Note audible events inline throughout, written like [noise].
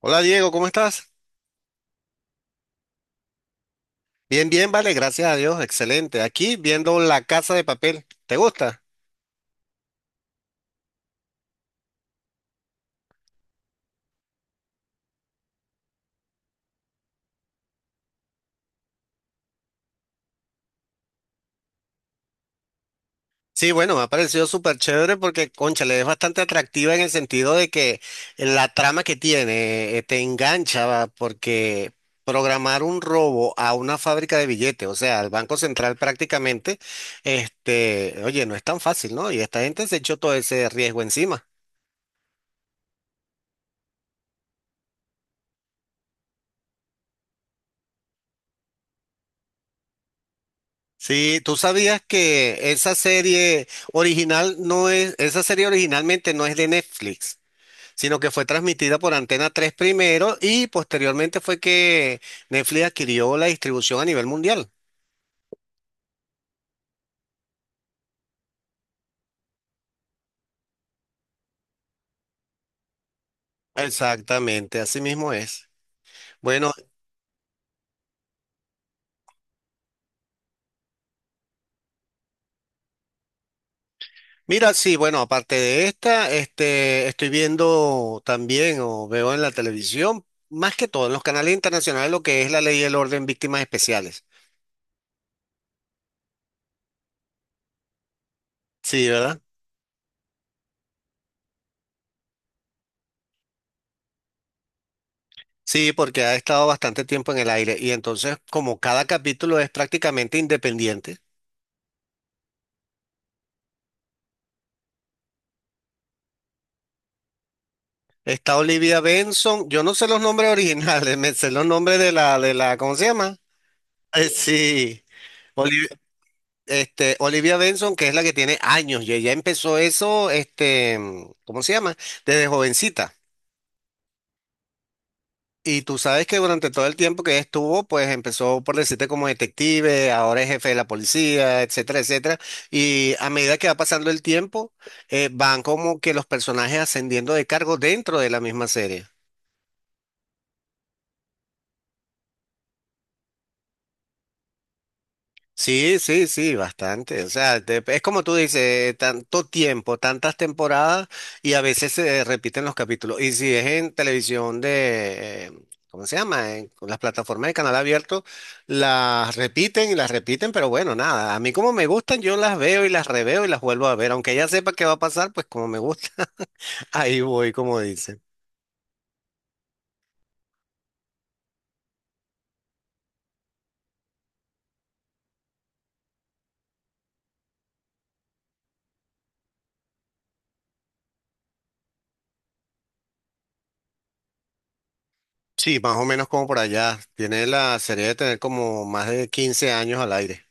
Hola Diego, ¿cómo estás? Bien, bien, vale, gracias a Dios, excelente. Aquí viendo La Casa de Papel, ¿te gusta? Sí, bueno, me ha parecido súper chévere porque, cónchale, es bastante atractiva en el sentido de que la trama que tiene te engancha, va, porque programar un robo a una fábrica de billetes, o sea, al Banco Central prácticamente, oye, no es tan fácil, ¿no? Y esta gente se echó todo ese riesgo encima. Sí, tú sabías que esa serie originalmente no es de Netflix, sino que fue transmitida por Antena tres primero y posteriormente fue que Netflix adquirió la distribución a nivel mundial. Exactamente, así mismo es. Bueno, mira, sí, bueno, aparte de esta, estoy viendo también o veo en la televisión, más que todo en los canales internacionales, lo que es la ley y el orden víctimas especiales. Sí, ¿verdad? Sí, porque ha estado bastante tiempo en el aire y entonces, como cada capítulo es prácticamente independiente, está Olivia Benson. Yo no sé los nombres originales, [laughs] me sé los nombres de la, ¿cómo se llama? Eh, sí, Oli- Olivia Benson, que es la que tiene años y ella empezó eso, ¿cómo se llama? Desde jovencita. Y tú sabes que durante todo el tiempo que estuvo, pues empezó por decirte como detective, ahora es jefe de la policía, etcétera, etcétera. Y a medida que va pasando el tiempo, van como que los personajes ascendiendo de cargo dentro de la misma serie. Sí, sí, sí, bastante. O sea, es como tú dices, tanto tiempo, tantas temporadas y a veces se repiten los capítulos. Y si es en televisión de, ¿cómo se llama? En las plataformas de canal abierto, las repiten y las repiten, pero bueno, nada. A mí, como me gustan, yo las veo y las reveo y las vuelvo a ver. Aunque ya sepa qué va a pasar, pues como me gusta, [laughs] ahí voy, como dicen. Sí, más o menos como por allá. Tiene la serie de tener como más de 15 años al aire.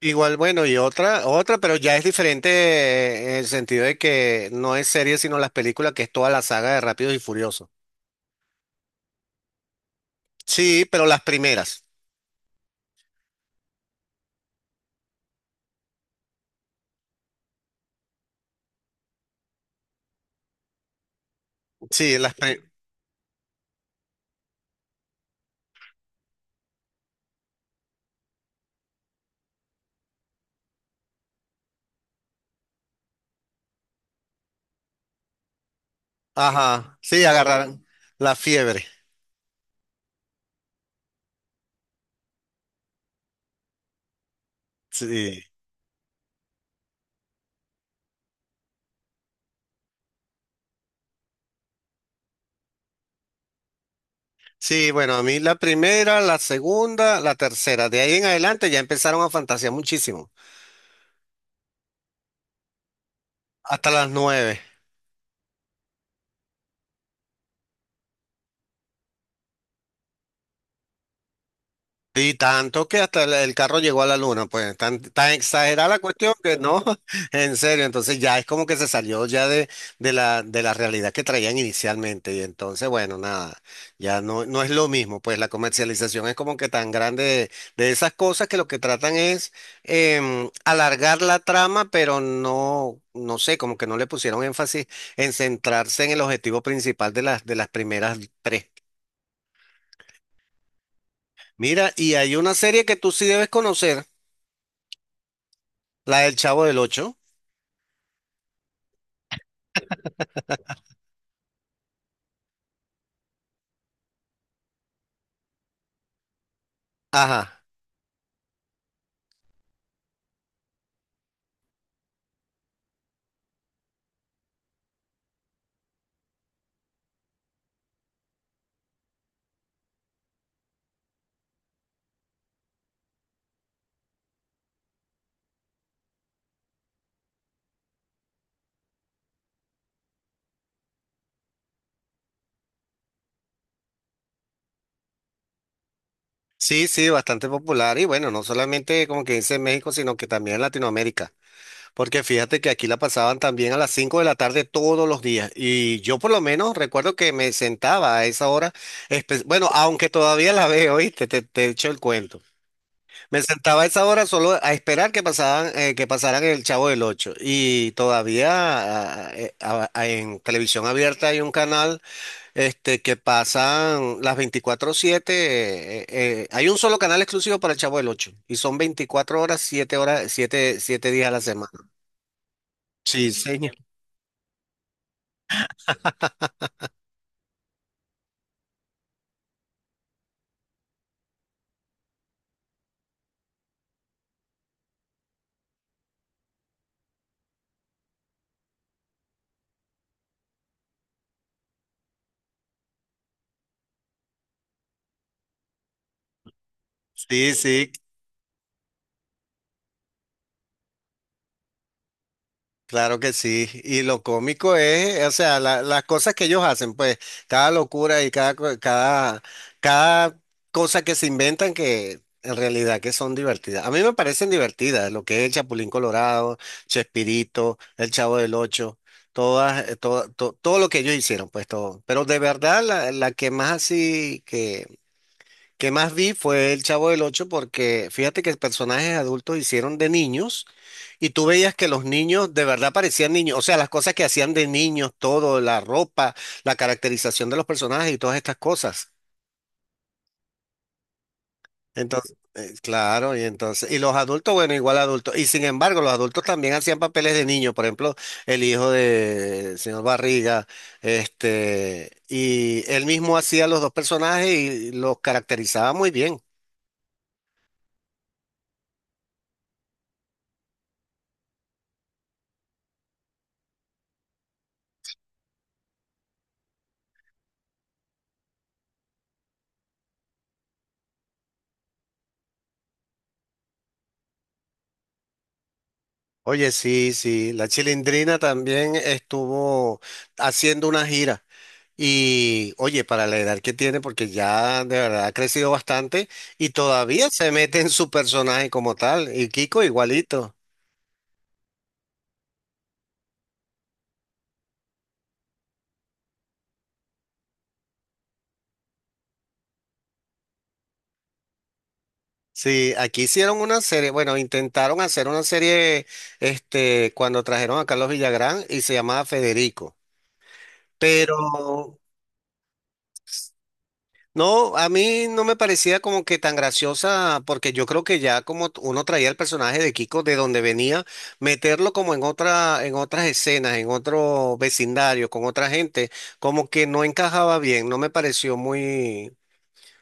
Igual, bueno, y otra, pero ya es diferente, en el sentido de que no es serie, sino las películas, que es toda la saga de Rápidos y Furiosos. Sí, pero las primeras. Sí. Ajá, sí, agarraron la fiebre. Sí. Sí, bueno, a mí la primera, la segunda, la tercera. De ahí en adelante ya empezaron a fantasear muchísimo. Hasta las nueve. Y tanto que hasta el carro llegó a la luna, pues tan, tan exagerada la cuestión que no, [laughs] en serio, entonces ya es como que se salió ya de, de la realidad que traían inicialmente. Y entonces, bueno, nada, ya no, no es lo mismo, pues la comercialización es como que tan grande de esas cosas que lo que tratan es alargar la trama, pero no, no sé, como que no le pusieron énfasis en centrarse en el objetivo principal de de las primeras tres. Mira, y hay una serie que tú sí debes conocer. La del Chavo del Ocho. Ajá. Sí, sí, bastante popular. Y bueno, no solamente, como que dice, en México, sino que también en Latinoamérica. Porque fíjate que aquí la pasaban también a las 5 de la tarde todos los días. Y yo por lo menos recuerdo que me sentaba a esa hora. Bueno, aunque todavía la veo, ¿oíste? Te, echo el cuento. Me sentaba a esa hora solo a esperar que que pasaran el Chavo del Ocho. Y todavía, en televisión abierta, hay un canal. Que pasan las 24/7, hay un solo canal exclusivo para el Chavo del Ocho y son 24 horas, 7 horas, 7 días a la semana. Sí, señor. Sí, sí, claro que sí. Y lo cómico es, o sea, las cosas que ellos hacen, pues cada locura y cada cosa que se inventan, que en realidad que son divertidas. A mí me parecen divertidas, lo que es el Chapulín Colorado, Chespirito, el Chavo del Ocho, todas, todo, todo lo que ellos hicieron, pues todo. Pero de verdad, la que más, así que más vi, fue El Chavo del Ocho, porque fíjate que personajes adultos hicieron de niños y tú veías que los niños de verdad parecían niños, o sea, las cosas que hacían de niños, todo, la ropa, la caracterización de los personajes y todas estas cosas. Entonces, claro, y entonces, y los adultos, bueno, igual adultos, y sin embargo, los adultos también hacían papeles de niños. Por ejemplo, el hijo de señor Barriga, y él mismo hacía los dos personajes y los caracterizaba muy bien. Oye, sí, sí, la Chilindrina también estuvo haciendo una gira y, oye, para la edad que tiene, porque ya de verdad ha crecido bastante, y todavía se mete en su personaje como tal, y Kiko igualito. Sí, aquí hicieron una serie, bueno, intentaron hacer una serie, cuando trajeron a Carlos Villagrán y se llamaba Federico, pero... No, a mí no me parecía como que tan graciosa, porque yo creo que ya, como uno traía el personaje de Kiko de donde venía, meterlo como en otras escenas, en otro vecindario, con otra gente, como que no encajaba bien, no me pareció muy,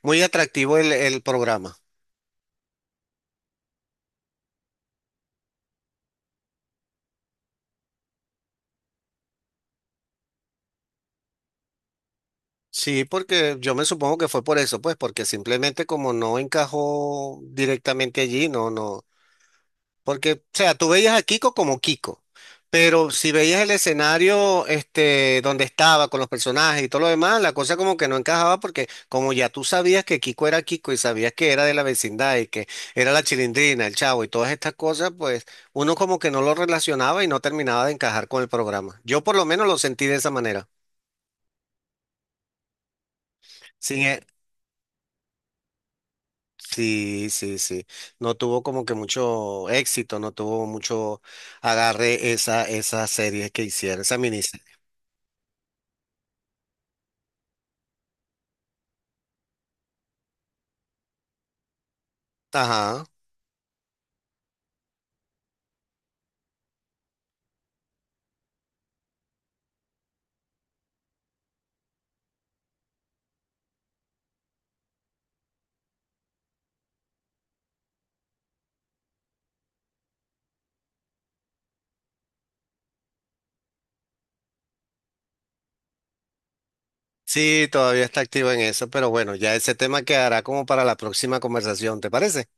muy atractivo el programa. Sí, porque yo me supongo que fue por eso, pues porque simplemente, como no encajó directamente allí, no, no. Porque, o sea, tú veías a Kiko como Kiko, pero si veías el escenario este, donde estaba con los personajes y todo lo demás, la cosa como que no encajaba, porque como ya tú sabías que Kiko era Kiko y sabías que era de la vecindad y que era la Chilindrina, el Chavo y todas estas cosas, pues uno como que no lo relacionaba y no terminaba de encajar con el programa. Yo por lo menos lo sentí de esa manera. Sin e- Sí, sí, sí. No tuvo como que mucho éxito, no tuvo mucho agarre esa serie que hicieron, esa miniserie. Ajá. Sí, todavía está activo en eso, pero bueno, ya ese tema quedará como para la próxima conversación, ¿te parece?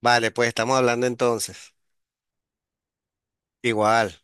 Vale, pues estamos hablando entonces. Igual.